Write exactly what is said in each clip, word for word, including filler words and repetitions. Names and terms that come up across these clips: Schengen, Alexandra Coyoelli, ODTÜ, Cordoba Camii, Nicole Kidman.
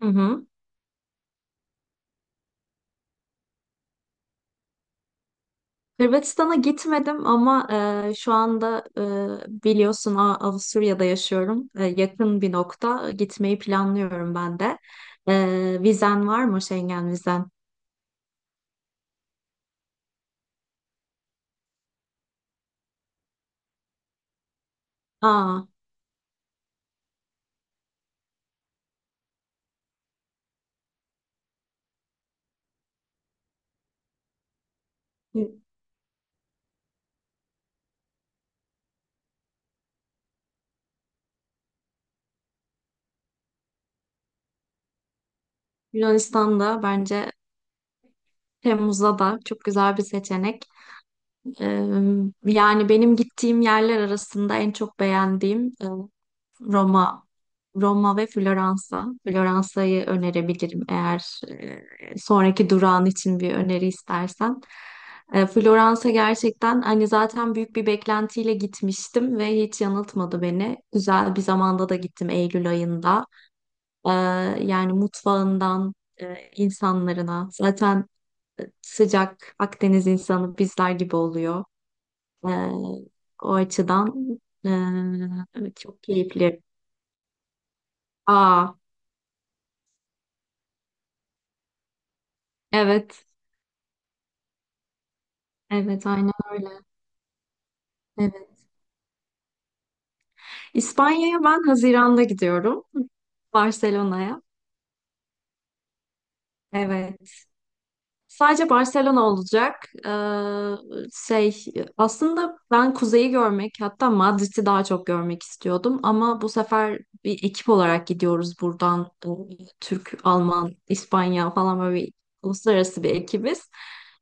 Hı hı. Hırvatistan'a gitmedim ama e, şu anda e, biliyorsun A- Avusturya'da yaşıyorum. E, yakın bir nokta gitmeyi planlıyorum ben de. E, vizen var mı Schengen vizen? Aa, Yun- Yunanistan'da bence Temmuz'da da çok güzel bir seçenek. Ee, Yani benim gittiğim yerler arasında en çok beğendiğim e, Roma, Roma ve Floransa. Floransa'yı önerebilirim eğer e, sonraki durağın için bir öneri istersen. E, Floransa gerçekten hani zaten büyük bir beklentiyle gitmiştim ve hiç yanıltmadı beni. Güzel bir zamanda da gittim Eylül ayında. E, Yani mutfağından e, insanlarına zaten sıcak Akdeniz insanı bizler gibi oluyor. Ee, O açıdan ee, çok keyifli. Aa, evet. Evet, aynen öyle. Evet. İspanya'ya ben Haziran'da gidiyorum. Barcelona'ya. Evet. Sadece Barcelona olacak. Ee, şey aslında ben kuzeyi görmek hatta Madrid'i daha çok görmek istiyordum ama bu sefer bir ekip olarak gidiyoruz buradan. Ee, Türk, Alman, İspanya falan böyle bir uluslararası bir ekibiz.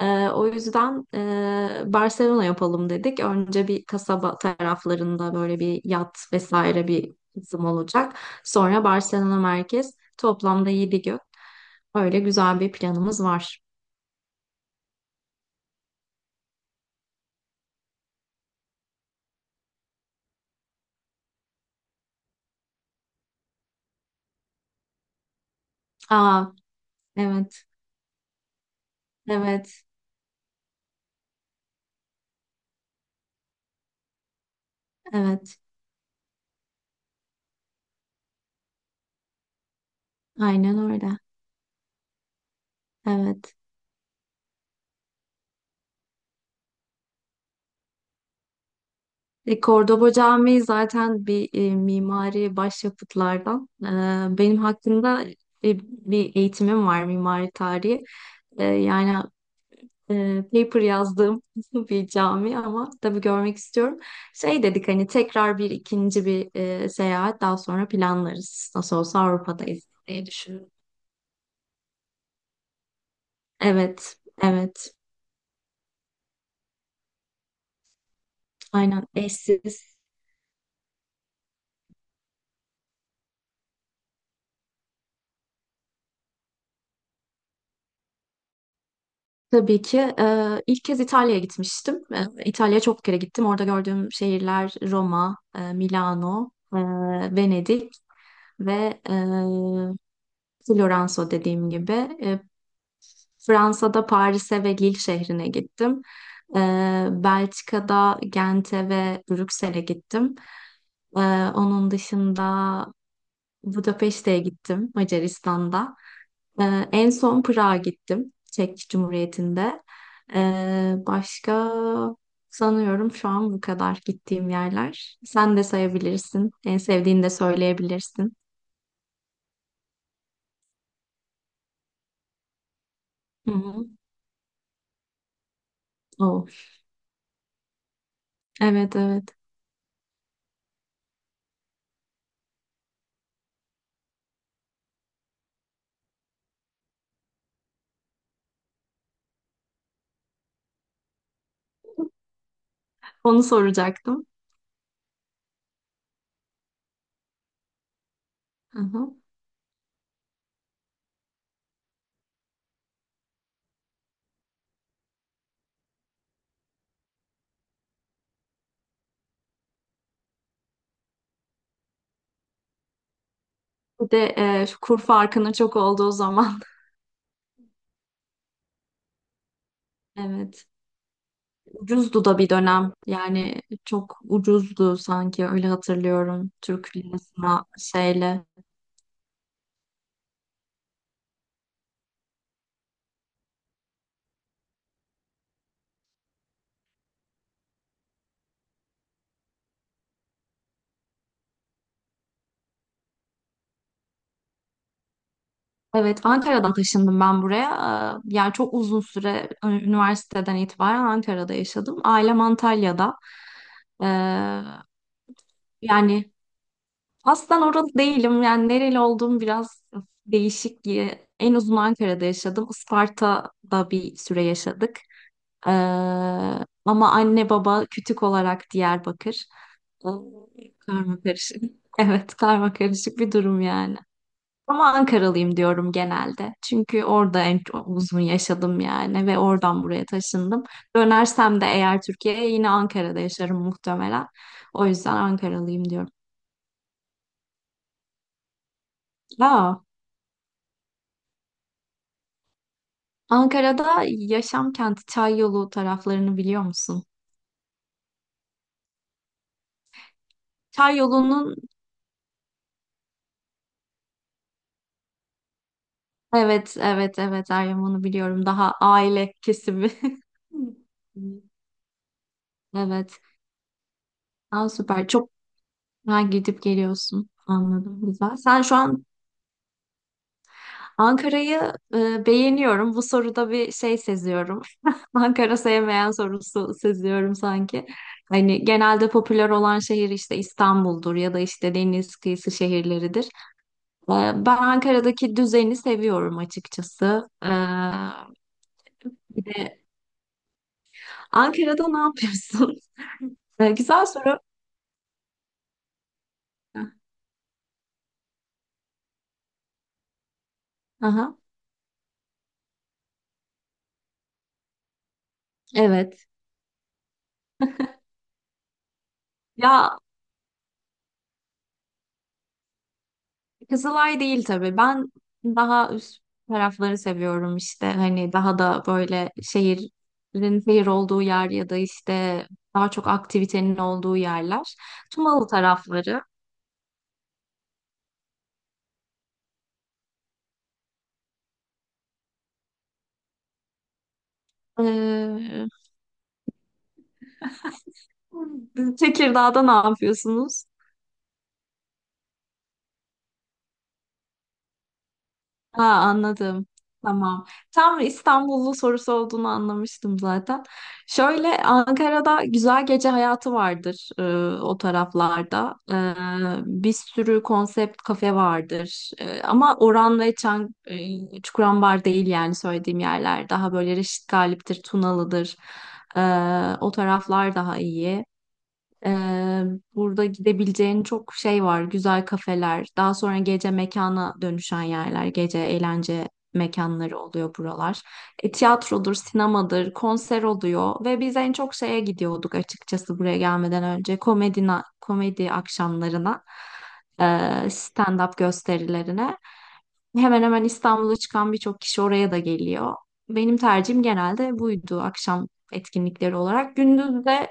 Ee, o yüzden e, Barcelona yapalım dedik. Önce bir kasaba taraflarında böyle bir yat vesaire bir kısım olacak. Sonra Barcelona merkez toplamda yedi gün. Öyle güzel bir planımız var. Aa, evet, evet, evet. Aynen öyle. Evet. E, Cordoba Camii zaten bir e, mimari başyapıtlardan. E, benim hakkında e, bir eğitimim var mimari tarihi. E, yani e, paper yazdığım bir cami ama tabii görmek istiyorum. Şey dedik hani tekrar bir ikinci bir e, seyahat daha sonra planlarız. Nasıl olsa Avrupa'dayız diye düşünüyorum. Evet, evet. Aynen eşsiz. Tabii ki. Eee, ilk kez İtalya'ya gitmiştim. Eee, İtalya'ya çok kere gittim. Orada gördüğüm şehirler Roma, eee, Milano, eee, Venedik ve eee Floransa dediğim gibi. Eee, Fransa'da Paris'e ve Lille şehrine gittim. Eee, Belçika'da Gent'e ve Brüksel'e gittim. Eee, onun dışında Budapeşte'ye gittim Macaristan'da. Ee, en son Prag'a gittim. Çek Cumhuriyeti'nde. Ee, başka sanıyorum şu an bu kadar gittiğim yerler. Sen de sayabilirsin. En sevdiğini de söyleyebilirsin. Hı hı. Oh, evet, evet. Onu soracaktım. Hı hı. Bir de e, şu kur farkının çok olduğu zaman. Evet. Ucuzdu da bir dönem. Yani çok ucuzdu sanki öyle hatırlıyorum. Türk lirasına şeyle. Evet, Ankara'dan taşındım ben buraya. Ee, Yani çok uzun süre ü- üniversiteden itibaren Ankara'da yaşadım. Ailem Antalya'da. Ee, Yani aslen oralı değilim. Yani nereli olduğum biraz değişik diye. En uzun Ankara'da yaşadım. Isparta'da bir süre yaşadık. Ee, Ama anne baba kütük olarak Diyarbakır. Ee, Karma karışık. Evet, karma karışık bir durum yani. Ama Ankaralıyım diyorum genelde. Çünkü orada en çok uzun yaşadım yani ve oradan buraya taşındım. Dönersem de eğer Türkiye'ye yine Ankara'da yaşarım muhtemelen. O yüzden Ankaralıyım diyorum. Aa, Ankara'da yaşam kenti Çayyolu taraflarını biliyor musun? Çayyolu'nun evet, evet, evet, Meryem onu biliyorum. Daha aile kesimi. Evet. Daha süper. Çok güzel gidip geliyorsun. Anladım. Güzel. Sen şu an Ankara'yı e, beğeniyorum. Bu soruda bir şey seziyorum. Ankara sevmeyen sorusu seziyorum sanki. Hani genelde popüler olan şehir işte İstanbul'dur ya da işte deniz kıyısı şehirleridir. E, ben Ankara'daki düzeni seviyorum açıkçası. E, bir de Ankara'da ne yapıyorsun? E, güzel soru. Aha, evet. Ya Kızılay değil tabii. Ben daha üst tarafları seviyorum işte. Hani daha da böyle şehrin şehir olduğu yer ya da işte daha çok aktivitenin olduğu yerler. Tumalı tarafları. Ee, Tekirdağ'da ne yapıyorsunuz? Ha, anladım. Tamam. Tam İstanbullu sorusu olduğunu anlamıştım zaten. Şöyle Ankara'da güzel gece hayatı vardır e, o taraflarda. E, bir sürü konsept kafe vardır. E, ama Oran ve Çan, e, Çukurambar değil yani söylediğim yerler. Daha böyle Reşit Galip'tir, Tunalı'dır. E, O taraflar daha iyi. Ee, Burada gidebileceğin çok şey var. Güzel kafeler, daha sonra gece mekana dönüşen yerler, gece eğlence mekanları oluyor buralar. E, tiyatrodur, sinemadır, konser oluyor ve biz en çok şeye gidiyorduk açıkçası buraya gelmeden önce komedina, komedi akşamlarına, e, stand-up gösterilerine. Hemen hemen İstanbul'a çıkan birçok kişi oraya da geliyor. Benim tercihim genelde buydu akşam etkinlikleri olarak. Gündüz de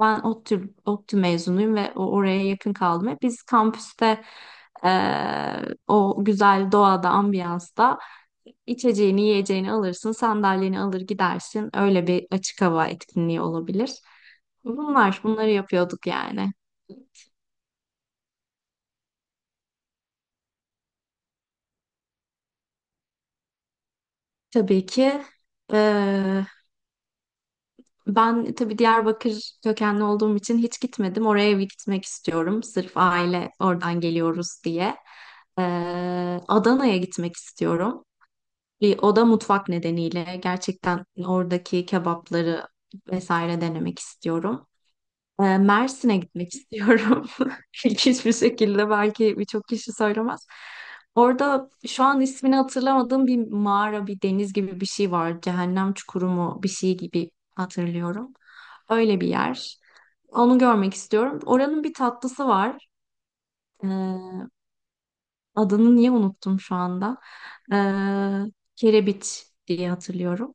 ben ODTÜ, ODTÜ mezunuyum ve o- oraya yakın kaldım. Hep biz kampüste eee, o güzel doğada, ambiyansta içeceğini, yiyeceğini alırsın, sandalyeni alır gidersin. Öyle bir açık hava etkinliği olabilir. Bunlar, bunları yapıyorduk yani. Tabii ki eee, ben tabii Diyarbakır kökenli olduğum için hiç gitmedim. Oraya bir gitmek istiyorum. Sırf aile oradan geliyoruz diye. Eee, Adana'ya gitmek istiyorum. Bir- O da mutfak nedeniyle gerçekten oradaki kebapları vesaire denemek istiyorum. Ee, Mersin'e gitmek istiyorum. İlginç bir şekilde belki birçok kişi söylemez. Orada şu an ismini hatırlamadığım bir mağara, bir deniz gibi bir şey var. Cehennem çukuru mu bir şey gibi hatırlıyorum. Öyle bir yer. Onu görmek istiyorum. Oranın bir tatlısı var. Ee, Adını niye unuttum şu anda? Ee, Kerebiç diye hatırlıyorum.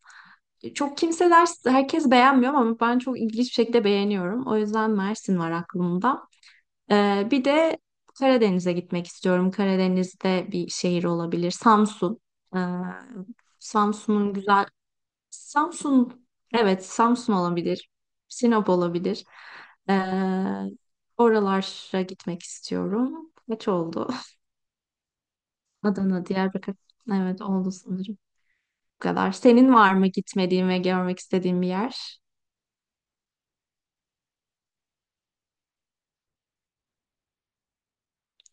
Çok kimseler, herkes beğenmiyor ama ben çok ilginç bir şekilde beğeniyorum. O yüzden Mersin var aklımda. Ee, bir de Karadeniz'e gitmek istiyorum. Karadeniz'de bir şehir olabilir. Samsun. Ee, Samsun'un güzel... Samsun, evet, Samsun olabilir. Sinop olabilir. Ee, Oralara gitmek istiyorum. Kaç oldu? Adana, Diyarbakır. Evet, oldu sanırım. Bu kadar. Senin var mı gitmediğin ve görmek istediğin bir yer?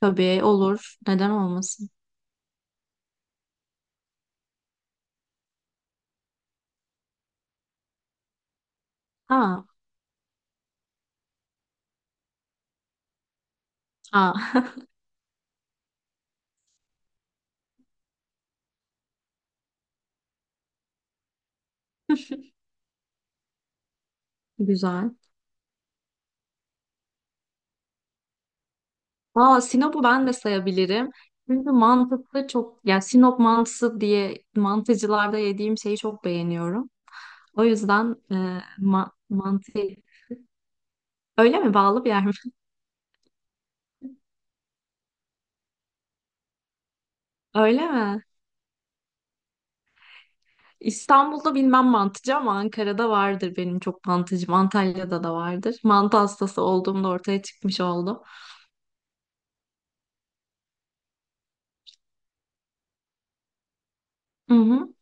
Tabii olur. Neden olmasın? Ha, ha. Güzel. Aa, Sinop'u ben de sayabilirim. Çünkü mantıklı çok, yani Sinop mantısı diye mantıcılarda yediğim şeyi çok beğeniyorum. O yüzden e, ma- mantı. Öyle mi? Bağlı bir yer mi? Öyle mi? İstanbul'da bilmem mantıcı ama Ankara'da vardır benim çok mantıcım. Antalya'da da vardır. Mantı hastası olduğumda ortaya çıkmış oldu. Hı hı.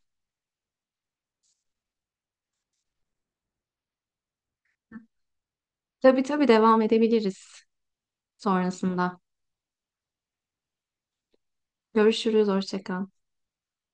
Tabii tabii devam edebiliriz sonrasında. Görüşürüz. Hoşça kal.